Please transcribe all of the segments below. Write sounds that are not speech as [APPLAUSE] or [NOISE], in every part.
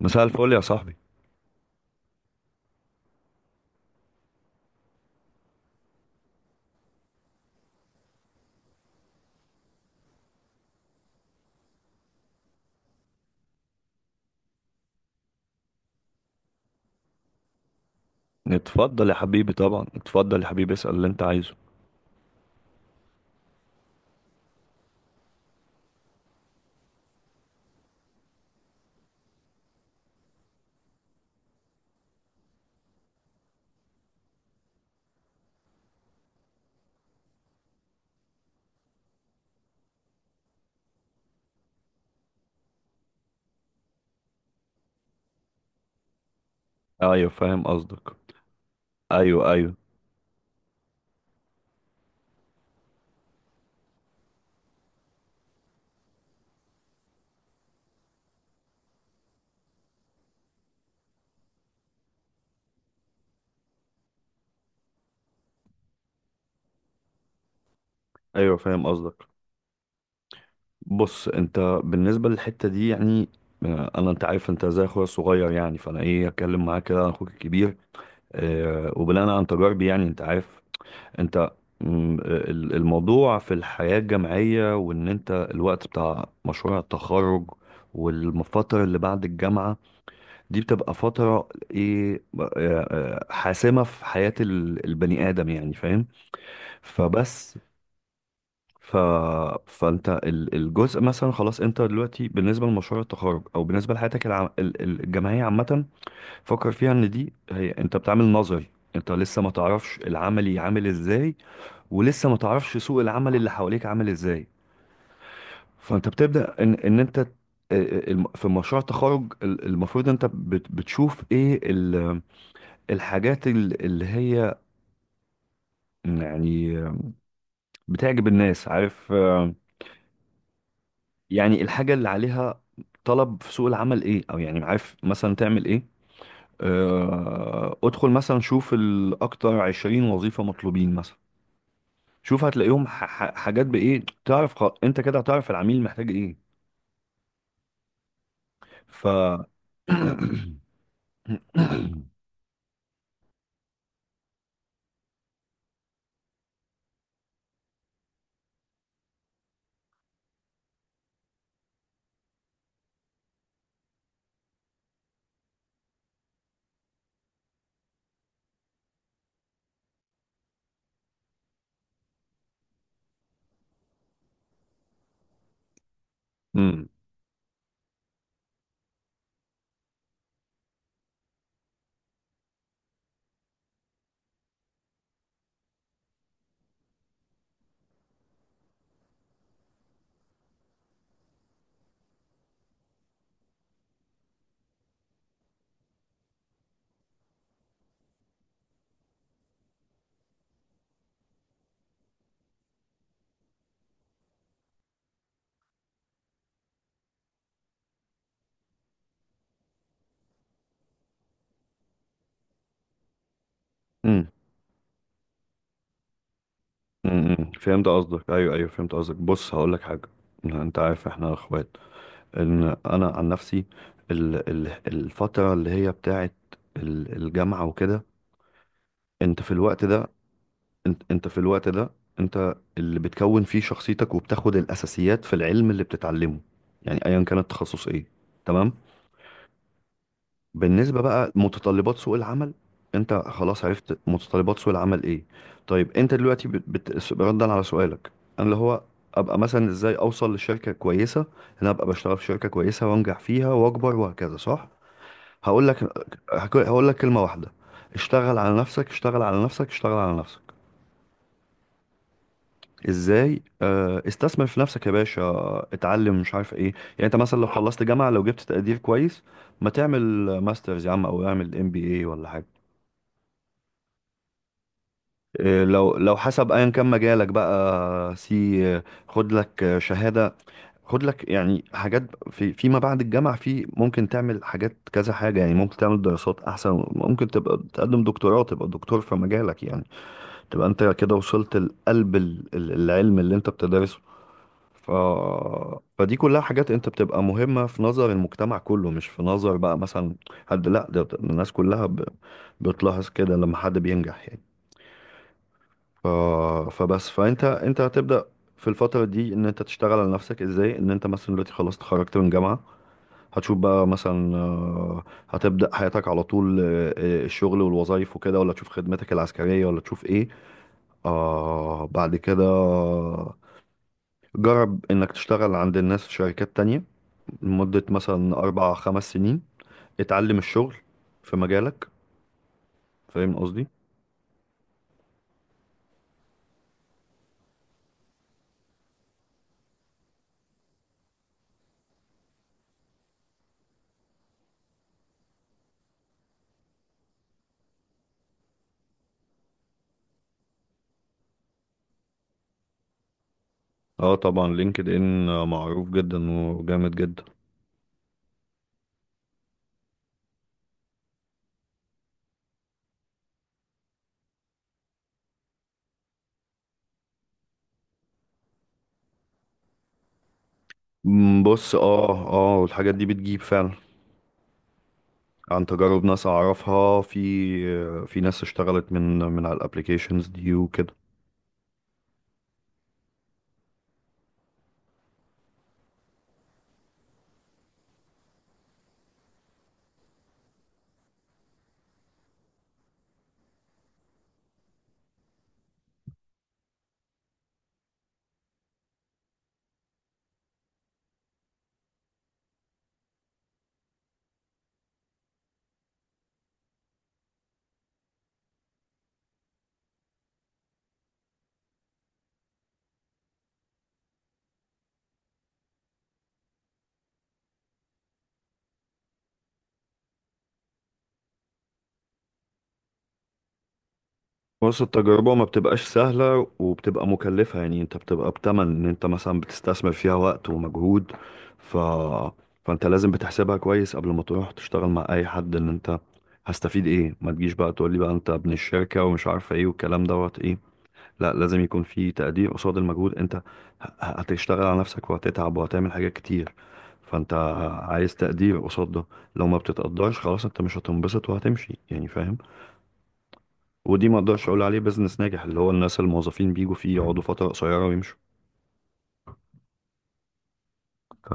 مساء الفل يا صاحبي. اتفضل يا حبيبي، طبعا اتفضل يا حبيبي، اسأل اللي انت عايزه. ايوه فاهم قصدك. ايوه ايوه. ايوه فاهم قصدك. بص انت بالنسبة للحتة دي يعني انا انت عارف انت زي اخويا الصغير يعني، فانا ايه اتكلم معاك كده عن اخوك الكبير. اه وبناء عن تجاربي يعني انت عارف انت، الموضوع في الحياة الجامعية، وان انت الوقت بتاع مشروع التخرج والفترة اللي بعد الجامعة دي بتبقى فترة ايه، حاسمة في حياة البني آدم يعني فاهم. فبس ف... فانت الجزء مثلا خلاص انت دلوقتي بالنسبة لمشروع التخرج، او بالنسبة لحياتك الجامعية عامة، فكر فيها ان دي هي انت بتعمل نظري، انت لسه ما تعرفش العملي عامل ازاي، ولسه ما تعرفش سوق العمل اللي حواليك عامل ازاي. فانت بتبدأ ان ان انت آه، آه، الم- في مشروع التخرج المفروض انت بتشوف ايه الحاجات اللي هي يعني بتعجب الناس عارف يعني الحاجة اللي عليها طلب في سوق العمل ايه، او يعني عارف مثلا تعمل ايه. ادخل مثلا شوف الاكتر 20 وظيفة مطلوبين مثلا، شوف هتلاقيهم حاجات بايه تعرف انت كده هتعرف العميل محتاج ايه. ف [COUGHS] مم. مم. مم. فهمت قصدك، ايوه ايوه فهمت قصدك. بص هقول لك حاجة، انت عارف احنا اخوات. ان انا عن نفسي، الفتره اللي هي بتاعت الجامعه وكده، انت في الوقت ده، انت في الوقت ده انت اللي بتكون فيه شخصيتك، وبتاخد الاساسيات في العلم اللي بتتعلمه، يعني ايا كان التخصص ايه، تمام. بالنسبه بقى متطلبات سوق العمل، انت خلاص عرفت متطلبات سوق العمل ايه. طيب انت دلوقتي ردا على سؤالك، انا اللي هو ابقى مثلا ازاي اوصل لشركه كويسه، إن انا ابقى بشتغل في شركه كويسه وانجح فيها واكبر وهكذا، صح؟ هقول لك هقول لك كلمة واحدة، اشتغل على نفسك، اشتغل على نفسك، اشتغل على نفسك. ازاي؟ استثمر في نفسك يا باشا، اتعلم، مش عارف ايه، يعني انت مثلا لو خلصت جامعة، لو جبت تقدير كويس، ما تعمل ماسترز يا عم، او اعمل ام بي اي ولا حاجة. لو حسب ايا كان مجالك بقى، سي خد لك شهادة، خد لك يعني حاجات، في فيما بعد الجامعة، في ممكن تعمل حاجات كذا حاجة، يعني ممكن تعمل دراسات احسن، ممكن تبقى تقدم دكتوراه، تبقى دكتور في مجالك يعني، تبقى انت كده وصلت لقلب العلم اللي انت بتدرسه. ف... فدي كلها حاجات انت بتبقى مهمة في نظر المجتمع كله، مش في نظر بقى مثلا حد، لا ده ده الناس كلها بتلاحظ كده لما حد بينجح يعني. ف... فبس فانت انت هتبدأ في الفترة دي ان انت تشتغل على نفسك، ازاي؟ ان انت مثلا دلوقتي خلاص اتخرجت من جامعة، هتشوف بقى مثلا هتبدأ حياتك على طول، الشغل والوظائف وكده، ولا تشوف خدمتك العسكرية، ولا تشوف ايه آه بعد كده. جرب إنك تشتغل عند الناس في شركات تانية لمدة مثلا أربع خمس سنين، اتعلم الشغل في مجالك. فاهم قصدي؟ اه طبعا لينكد إن معروف جدا وجامد جدا. بص اه اه الحاجات دي بتجيب فعلا، عن تجارب ناس أعرفها، في ناس اشتغلت من على الابليكيشنز دي وكده. بص التجربة ما بتبقاش سهلة، وبتبقى مكلفة، يعني انت بتبقى بتمن ان انت مثلا بتستثمر فيها وقت ومجهود. ف... فانت لازم بتحسبها كويس قبل ما تروح تشتغل مع اي حد، ان انت هستفيد ايه. ما تجيش بقى تقول لي بقى انت ابن الشركة ومش عارفة ايه والكلام دوت ايه، لا لازم يكون في تقدير قصاد المجهود. انت هتشتغل على نفسك، وهتتعب، وهتعمل حاجات كتير. فانت عايز تقدير قصاد ده، لو ما بتتقدرش خلاص انت مش هتنبسط وهتمشي، يعني فاهم. ودي ما اقدرش اقول عليه بيزنس ناجح، اللي هو الناس الموظفين بيجوا فيه يقعدوا فترة قصيرة ويمشوا. ف-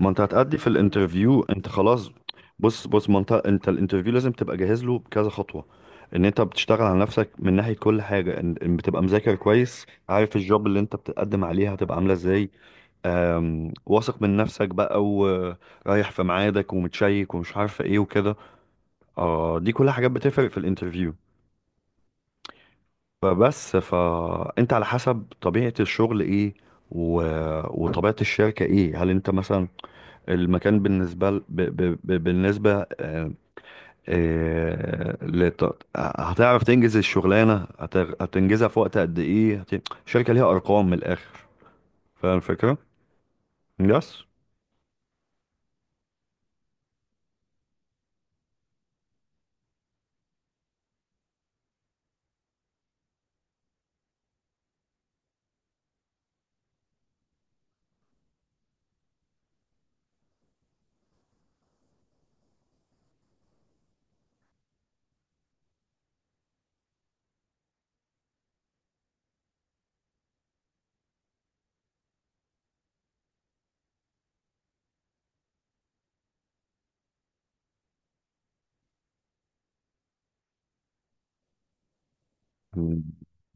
ما انت هتأدي في الانترفيو انت خلاص. بص ما انت انت الانترفيو لازم تبقى جاهز له بكذا خطوة، ان انت بتشتغل على نفسك من ناحية كل حاجة، ان بتبقى مذاكر كويس، عارف الجوب اللي انت بتقدم عليها هتبقى عاملة ازاي. واثق من نفسك بقى، ورايح في ميعادك ومتشيك ومش عارفة ايه وكده. اه دي كل حاجات بتفرق في الانترفيو. فانت على حسب طبيعة الشغل ايه و... وطبيعة الشركة ايه، هل انت مثلا المكان بالنسبة ل... ب... ب... ب... بالنسبة آه، لت... هتعرف تنجز الشغلانة، هتنجزها في وقت قد ايه، الشركة ليها ارقام من الاخر. فاهم الفكرة؟ يس.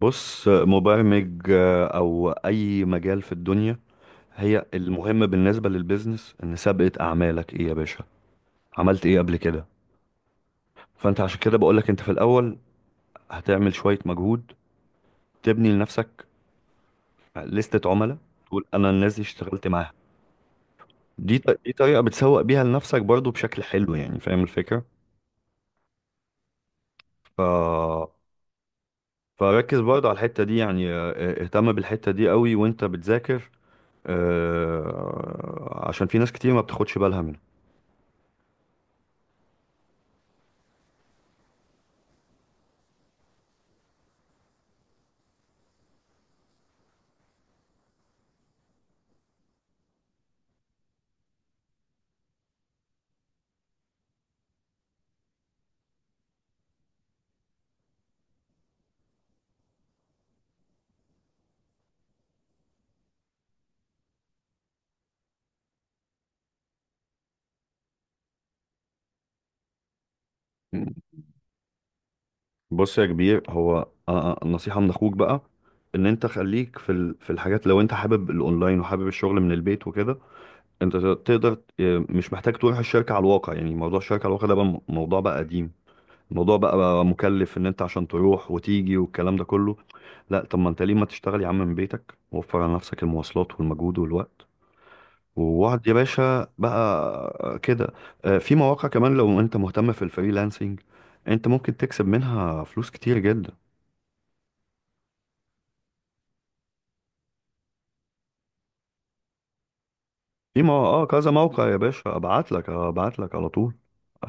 بص مبرمج او اي مجال في الدنيا، هي المهم بالنسبة للبيزنس ان سابقة اعمالك ايه يا باشا، عملت ايه قبل كده. فانت عشان كده بقولك انت في الاول هتعمل شوية مجهود، تبني لنفسك لستة عملاء، تقول انا الناس دي اشتغلت معاها. دي طريقة بتسوق بيها لنفسك برضو بشكل حلو، يعني فاهم الفكرة. ف... فركز برضو على الحتة دي يعني، اهتم بالحتة دي قوي وانت بتذاكر، اه، عشان في ناس كتير ما بتاخدش بالها منها. بص يا كبير، هو اه، نصيحة من اخوك بقى، ان انت خليك في في الحاجات، لو انت حابب الاونلاين وحابب الشغل من البيت وكده، انت تقدر، اه، مش محتاج تروح الشركة على الواقع. يعني موضوع الشركة على الواقع ده بقى موضوع بقى قديم، الموضوع بقى مكلف ان انت عشان تروح وتيجي والكلام ده كله. لا طب ما انت ليه ما تشتغل يا عم من بيتك، وفر على نفسك المواصلات والمجهود والوقت، وقعد يا باشا بقى كده. اه، في مواقع كمان لو انت مهتم في الفريلانسنج، انت ممكن تكسب منها فلوس كتير جدا. اه كذا موقع يا باشا، ابعت لك على طول،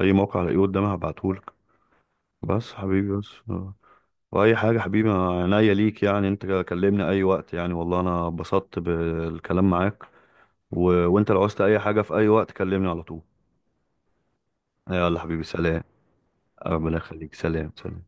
اي موقع الاقيه قدامي هبعته لك. بس حبيبي بس. واي حاجه حبيبي، أنا عينيا ليك يعني، انت كلمني اي وقت يعني، والله انا اتبسطت بالكلام معاك. و... وانت لو عوزت اي حاجه في اي وقت كلمني على طول. يلا حبيبي سلام. ربنا يخليك، سلام سلام.